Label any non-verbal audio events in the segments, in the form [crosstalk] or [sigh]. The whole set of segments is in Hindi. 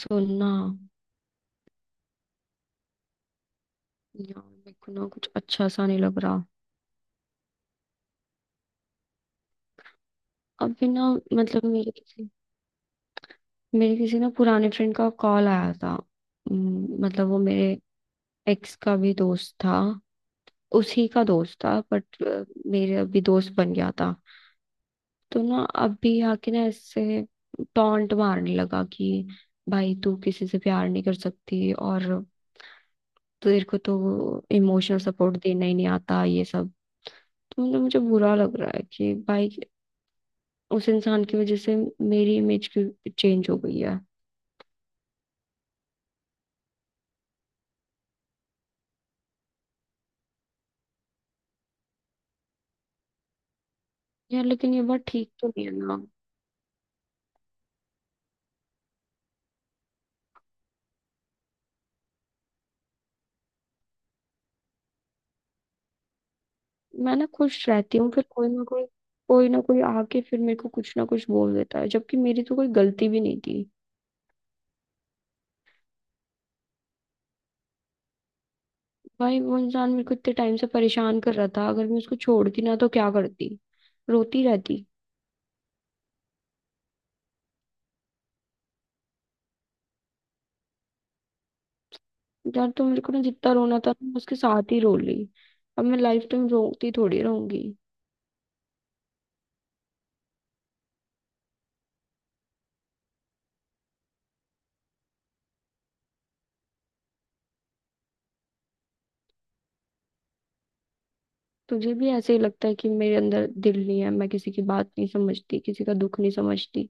सुनना। यार मेरे को ना कुछ अच्छा सा नहीं लग रहा। अभी ना, मतलब मेरे किसी ना पुराने फ्रेंड का कॉल आया था। मतलब वो मेरे एक्स का भी दोस्त था। उसी का दोस्त था बट मेरे अभी दोस्त बन गया था। तो ना अभी आके ना इससे टॉन्ट मारने लगा कि भाई तू किसी से प्यार नहीं कर सकती, और तेरे को तो इमोशनल सपोर्ट देना ही नहीं आता, ये सब। तो मतलब मुझे बुरा लग रहा है कि भाई उस इंसान की वजह से मेरी इमेज की चेंज हो गई है। यार लेकिन ये बात ठीक तो नहीं है ना। मैं ना खुश रहती हूँ, फिर कोई ना कोई आके फिर मेरे को कुछ ना कुछ बोल देता है, जबकि मेरी तो कोई गलती भी नहीं थी। भाई वो इंसान मेरे को इतने टाइम से परेशान कर रहा था, अगर मैं उसको छोड़ती ना तो क्या करती, रोती रहती? यार तो मेरे को ना जितना रोना था मैं उसके साथ ही रो ली। अब मैं लाइफ टाइम रोती थोड़ी रहूंगी। तुझे भी ऐसे ही लगता है कि मेरे अंदर दिल नहीं है, मैं किसी की बात नहीं समझती, किसी का दुख नहीं समझती?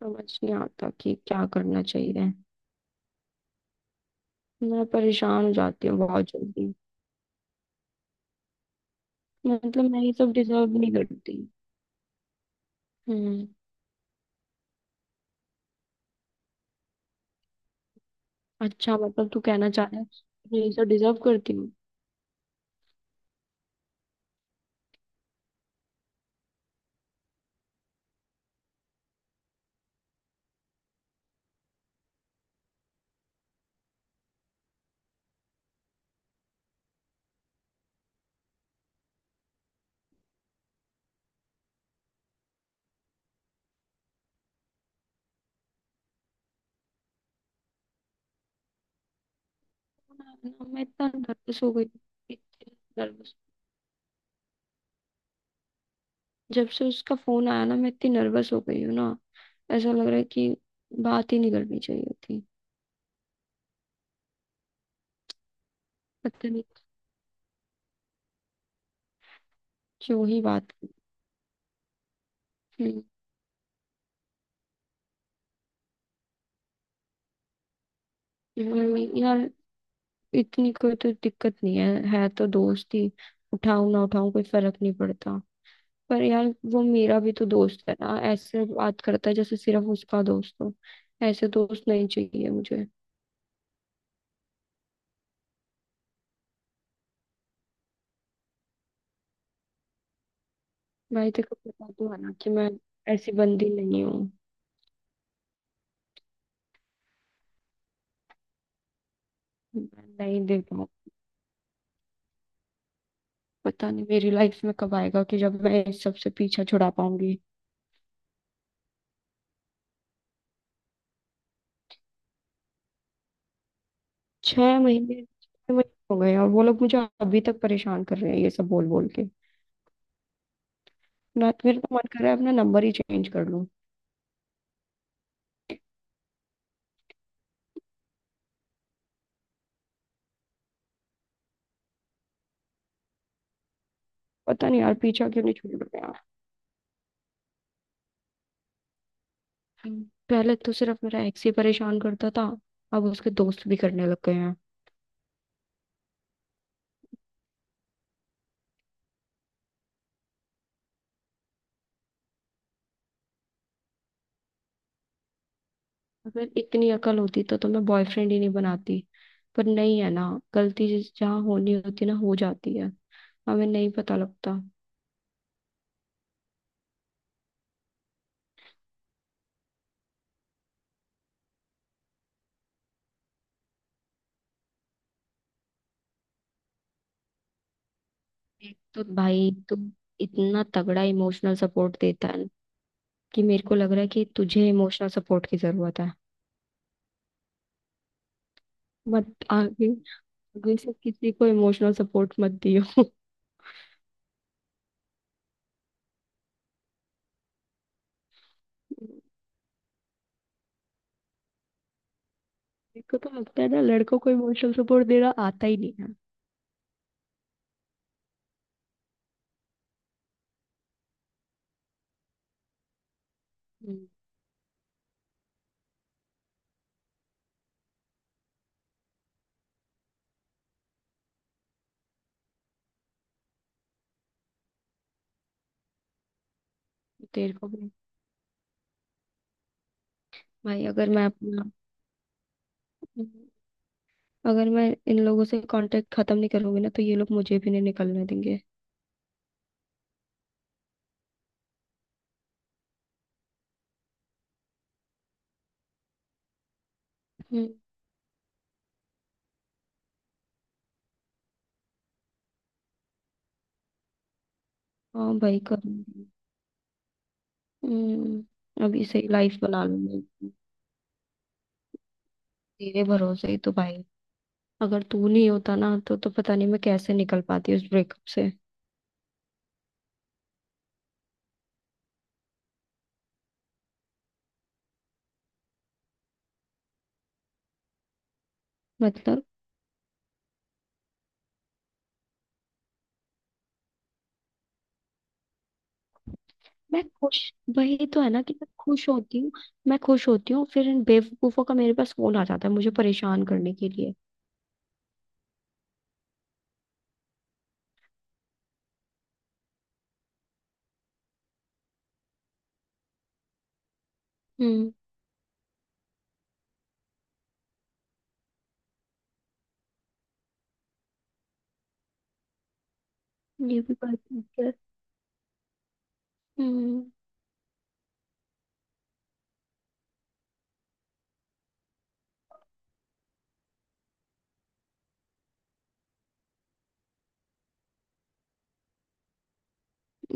समझ नहीं आता कि क्या करना चाहिए। मैं परेशान हो जाती हूँ बहुत जल्दी। मतलब मैं ये सब डिजर्व नहीं करती। हम्म। अच्छा, मतलब तू कहना चाह रहा है मैं ये सब डिजर्व करती हूँ? मैं इतना नर्वस हो गई। इतनी नर्वस। जब से उसका फोन आया ना मैं इतनी नर्वस हो गई हूँ ना। ऐसा लग रहा है कि बात ही नहीं करनी चाहिए थी। पता नहीं, क्यों ही बात की। यार, इतनी कोई तो दिक्कत नहीं है। है तो दोस्त ही। उठाऊं ना उठाऊं, कोई फर्क नहीं पड़ता। पर यार, वो मेरा भी तो दोस्त है ना, ऐसे बात करता है जैसे सिर्फ उसका दोस्त हो। ऐसे दोस्त नहीं चाहिए मुझे। भाई देखो, पता तो है ना कि मैं ऐसी बंदी नहीं हूँ। मैं नहीं दे पाऊँ। पता नहीं मेरी लाइफ में कब आएगा कि जब मैं इस सब से पीछा छुड़ा पाऊंगी। छह महीने, छह महीने हो गए और वो लोग मुझे अभी तक परेशान कर रहे हैं, ये सब बोल बोल के। ना, मेरा तो मन कर रहा है अपना नंबर ही चेंज कर लूं। पता नहीं यार पीछा क्यों नहीं छूट रहा। हम्म, पहले तो सिर्फ मेरा एक्स ही परेशान करता था, अब उसके दोस्त भी करने लग गए हैं। अगर इतनी अकल होती तो मैं बॉयफ्रेंड ही नहीं बनाती। पर नहीं है ना। गलती जहाँ होनी होती ना, हो जाती है। हमें नहीं पता लगता। एक तो भाई तू इतना तगड़ा इमोशनल सपोर्ट देता है कि मेरे को लग रहा है कि तुझे इमोशनल सपोर्ट की जरूरत है। मत आगे आगे से किसी को इमोशनल सपोर्ट मत दियो। [laughs] मेरे को तो लगता है ना लड़कों को इमोशनल सपोर्ट देना आता ही नहीं है। हम्म, तेरे को भी? भाई अगर मैं अपना, अगर मैं इन लोगों से कांटेक्ट खत्म नहीं करूंगी ना तो ये लोग मुझे भी नहीं निकलने देंगे। हम्म। हाँ भाई, करूंगी। अभी से लाइफ बना लूंगी। तेरे भरोसे ही तो भाई। अगर तू नहीं होता ना तो पता नहीं मैं कैसे निकल पाती उस ब्रेकअप से। मतलब मैं खुश? वही तो है ना कि मैं खुश होती हूँ। मैं खुश होती हूँ फिर इन बेवकूफों का मेरे पास फोन आ जाता है मुझे परेशान करने के लिए। हम्म। ये भी बात ठीक है। हम्म।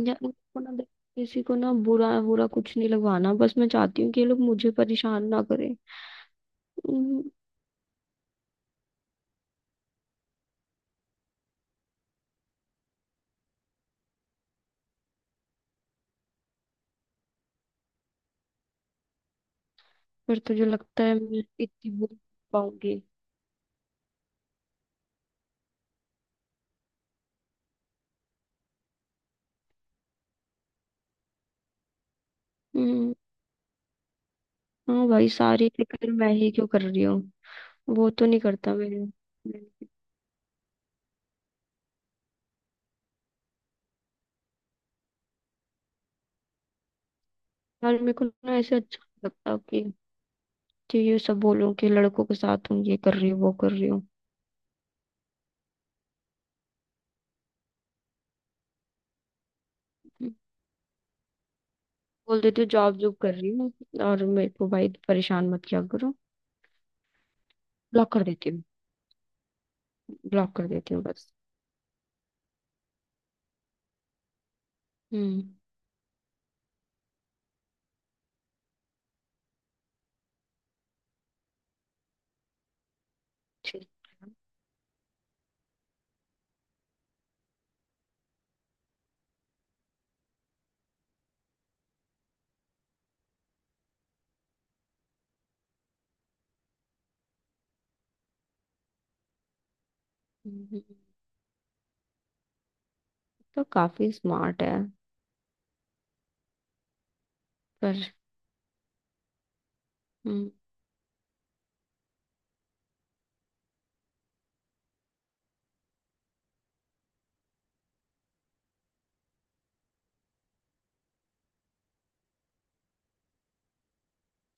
या उनको ना देख- किसी को ना बुरा बुरा कुछ नहीं लगवाना, बस मैं चाहती हूँ कि ये लोग मुझे परेशान ना करें। हम्म, पर तुझे लगता है मैं इतनी बोल पाऊंगी? हम्म, हाँ भाई, सारी फिक्र मैं ही क्यों कर रही हूँ। वो तो नहीं करता मेरे मेरे- यार, मेरे को ना ऐसे अच्छा नहीं लगता कि ये सब बोलूं कि लड़कों के साथ हूँ, ये कर रही हूँ, वो कर रही हूँ। बोल देती हूँ जॉब, जॉब कर रही हूँ और मेरे को भाई परेशान मत किया करो। ब्लॉक कर देती हूँ। ब्लॉक कर देती हूँ बस। हम्म, ठीक। हम्म, तो काफी स्मार्ट है, पर। हम्म,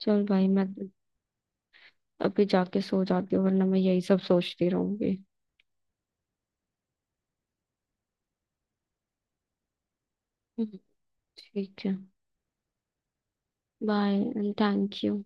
चल भाई, मैं अभी जाके सो जाती हूँ वरना मैं यही सब सोचती रहूंगी। हम्म, ठीक है। Bye and thank you.